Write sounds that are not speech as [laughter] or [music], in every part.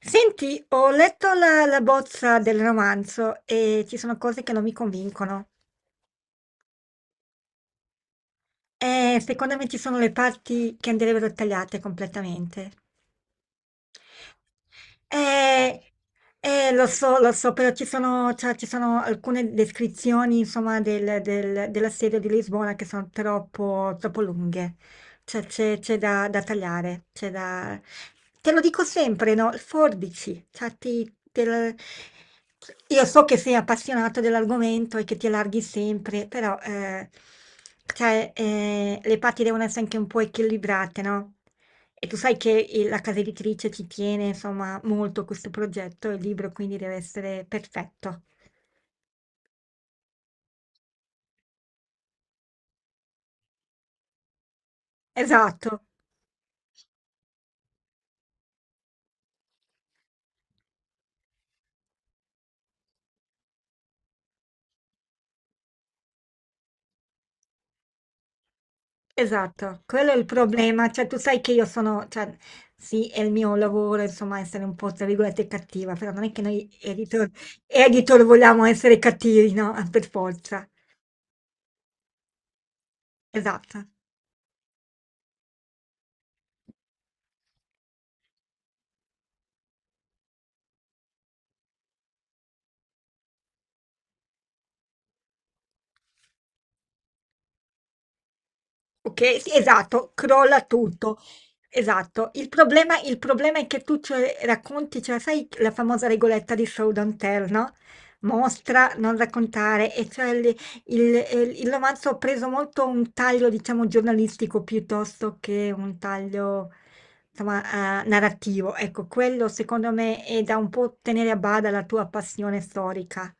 Senti, ho letto la bozza del romanzo e ci sono cose che non mi convincono. E secondo me ci sono le parti che andrebbero tagliate completamente. Eh, Lo so, lo so, però cioè, ci sono alcune descrizioni, insomma, dell'assedio di Lisbona che sono troppo, troppo lunghe. Cioè, c'è da tagliare, c'è da. Te lo dico sempre, no? Forbici, cioè. Io so che sei appassionato dell'argomento e che ti allarghi sempre, però, cioè, le parti devono essere anche un po' equilibrate, no? E tu sai che la casa editrice ci tiene, insomma, molto a questo progetto, il libro quindi deve essere perfetto. Esatto, esatto. Quello è il problema. Cioè, tu sai che io sono, cioè, sì, è il mio lavoro, insomma, essere un po', tra virgolette, cattiva, però non è che noi editor vogliamo essere cattivi, no? [laughs] Per forza. Esatto. Ok, sì, esatto, crolla tutto. Esatto. Il problema è che tu cioè, racconti, cioè, sai la famosa regoletta di Showdown Tell, no? Mostra, non raccontare, e cioè il romanzo ha preso molto un taglio, diciamo, giornalistico piuttosto che un taglio, insomma, narrativo. Ecco, quello secondo me è da un po' tenere a bada la tua passione storica.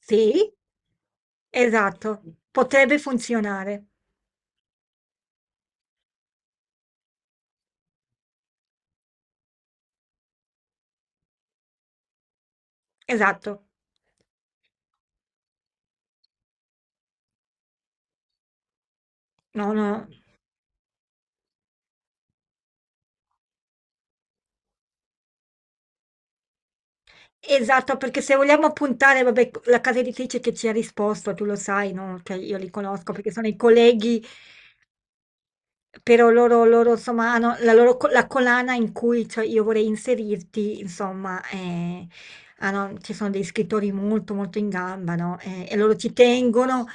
Sì, esatto, potrebbe funzionare, esatto. No, no. Esatto, perché se vogliamo puntare, vabbè, la casa editrice che ci ha risposto, tu lo sai, no? Cioè, io li conosco perché sono i colleghi, però loro, insomma, hanno la collana in cui cioè, io vorrei inserirti, insomma, ci sono dei scrittori molto, molto in gamba, no? E loro ci tengono,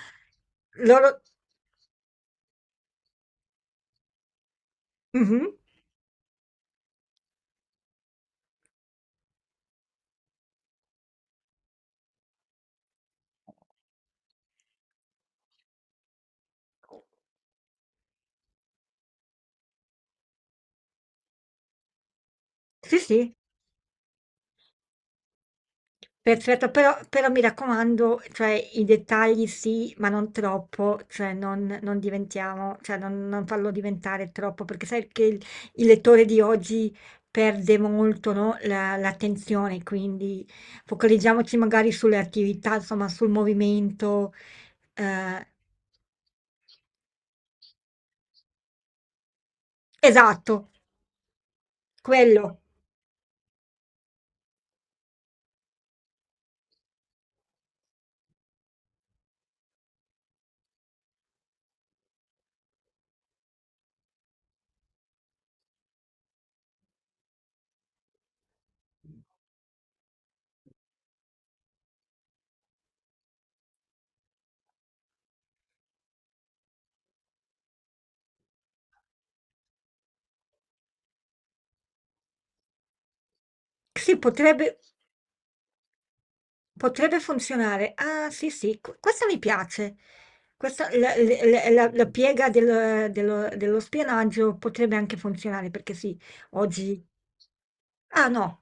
loro... Mhm. Sì, sì. Perfetto, però mi raccomando, cioè, i dettagli sì, ma non troppo, cioè, non diventiamo, cioè, non farlo diventare troppo, perché sai che il lettore di oggi perde molto, no, l'attenzione, quindi focalizziamoci magari sulle attività, insomma, sul movimento. eh, esatto, quello. Sì, potrebbe. Potrebbe funzionare. Ah, sì, sì, questa mi piace. Questa, la piega dello spionaggio potrebbe anche funzionare perché sì, oggi. Ah, no,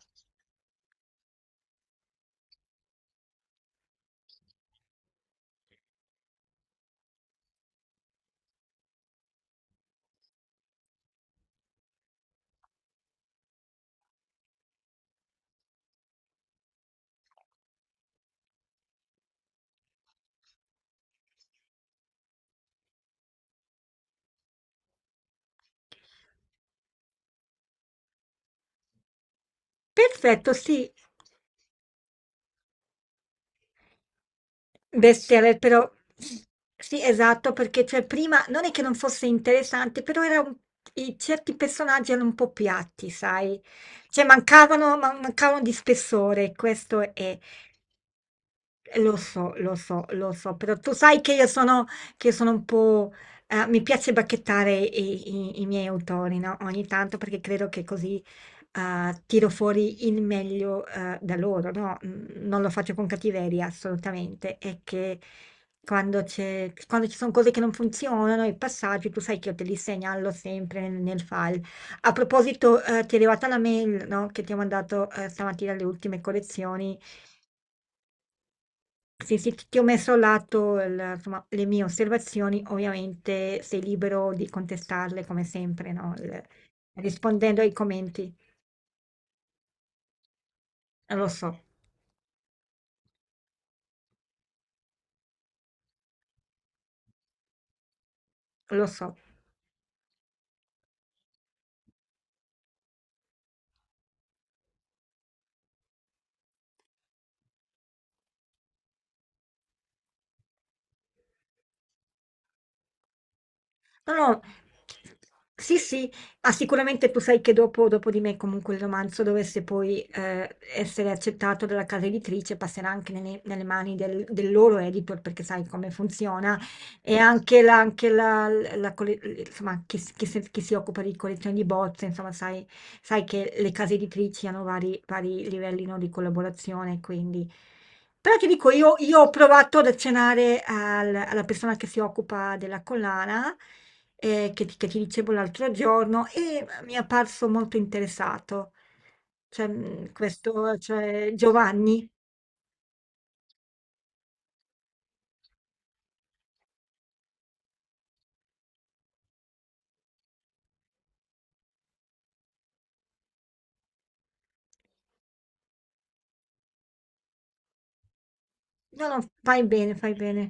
perfetto, sì, bestseller, però. Sì, esatto, perché cioè, prima non è che non fosse interessante, però i certi personaggi erano un po' piatti, sai? Cioè mancavano di spessore, questo è. Lo so, lo so, lo so, però tu sai che io sono un po'. Mi piace bacchettare i miei autori, no? Ogni tanto perché credo che così tiro fuori il meglio da loro, no? Non lo faccio con cattiveria, assolutamente. È che quando ci sono cose che non funzionano, i passaggi, tu sai che io te li segnalo sempre nel file. A proposito, ti è arrivata la mail, no? Che ti ho mandato stamattina le ultime collezioni. Sì, sì, ti ho messo a lato insomma, le mie osservazioni, ovviamente sei libero di contestarle come sempre, no? Rispondendo ai commenti. Lo so, lo so. No, no, sì, sì, ah, sicuramente tu sai che dopo di me comunque il romanzo dovesse poi essere accettato dalla casa editrice, passerà anche nelle mani del loro editor, perché sai come funziona. E anche la, anche la colle- insomma, chi si occupa di collezioni di bozze, insomma, sai, sai che le case editrici hanno vari livelli, no, di collaborazione, quindi. Però ti dico, io ho provato ad accennare alla persona che si occupa della collana, che ti dicevo l'altro giorno, e mi è apparso molto interessato. Cioè, questo, cioè, Giovanni. No, no, fai bene, fai bene.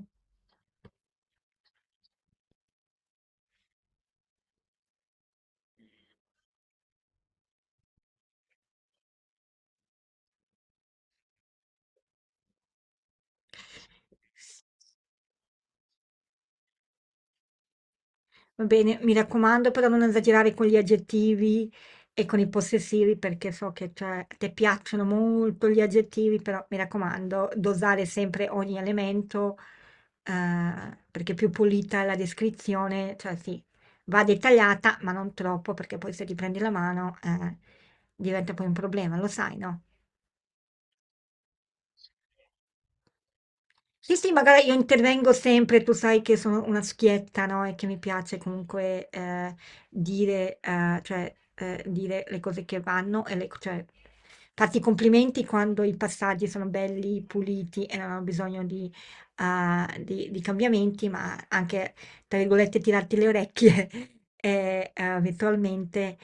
Va bene, mi raccomando, però non esagerare con gli aggettivi e con i possessivi, perché so che cioè, a te piacciono molto gli aggettivi, però mi raccomando, dosare sempre ogni elemento, perché più pulita è la descrizione, cioè sì, va dettagliata, ma non troppo, perché poi se ti prendi la mano, diventa poi un problema, lo sai, no? Sì, sì, magari io intervengo sempre, tu sai che sono una schietta, no? E che mi piace comunque cioè, dire le cose che vanno, e cioè, farti i complimenti quando i passaggi sono belli, puliti e non hanno bisogno di cambiamenti, ma anche, tra virgolette, tirarti le orecchie [laughs] virtualmente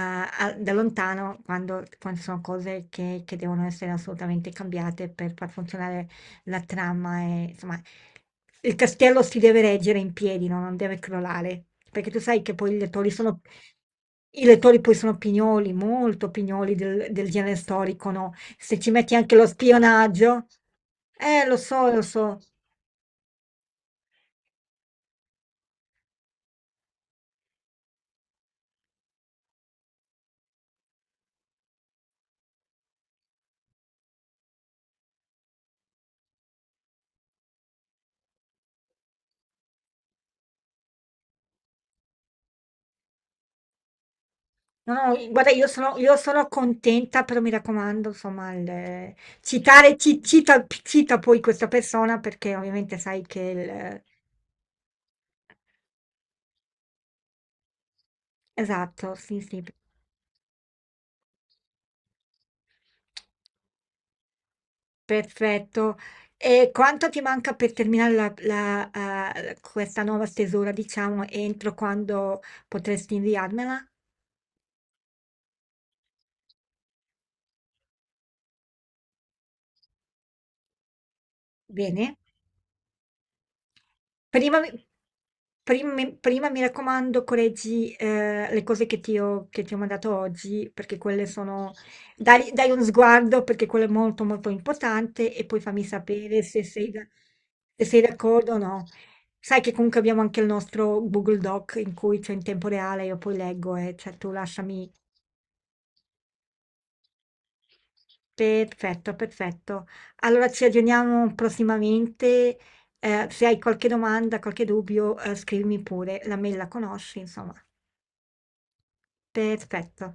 da lontano quando sono cose che devono essere assolutamente cambiate per far funzionare la trama è, insomma, il castello si deve reggere in piedi, no? Non deve crollare, perché tu sai che poi i lettori poi sono pignoli, molto pignoli del genere storico, no? Se ci metti anche lo spionaggio, lo so, lo so. No, no, guarda, io sono contenta, però mi raccomando, insomma, cita poi questa persona perché ovviamente sai che il. Esatto, sì, sì. Perfetto. E quanto ti manca per terminare questa nuova stesura, diciamo, entro quando potresti inviarmela? Bene? Prima mi prima mi raccomando correggi, le cose che ti ho mandato oggi, perché quelle sono dai un sguardo perché quello è molto, molto importante e poi fammi sapere se sei da se sei d'accordo o no. Sai che comunque abbiamo anche il nostro Google Doc in cui cioè in tempo reale io poi leggo e cioè tu lasciami. Perfetto, perfetto. Allora ci aggiorniamo prossimamente. Se hai qualche domanda, qualche dubbio, scrivimi pure. La mail la conosci, insomma. Perfetto.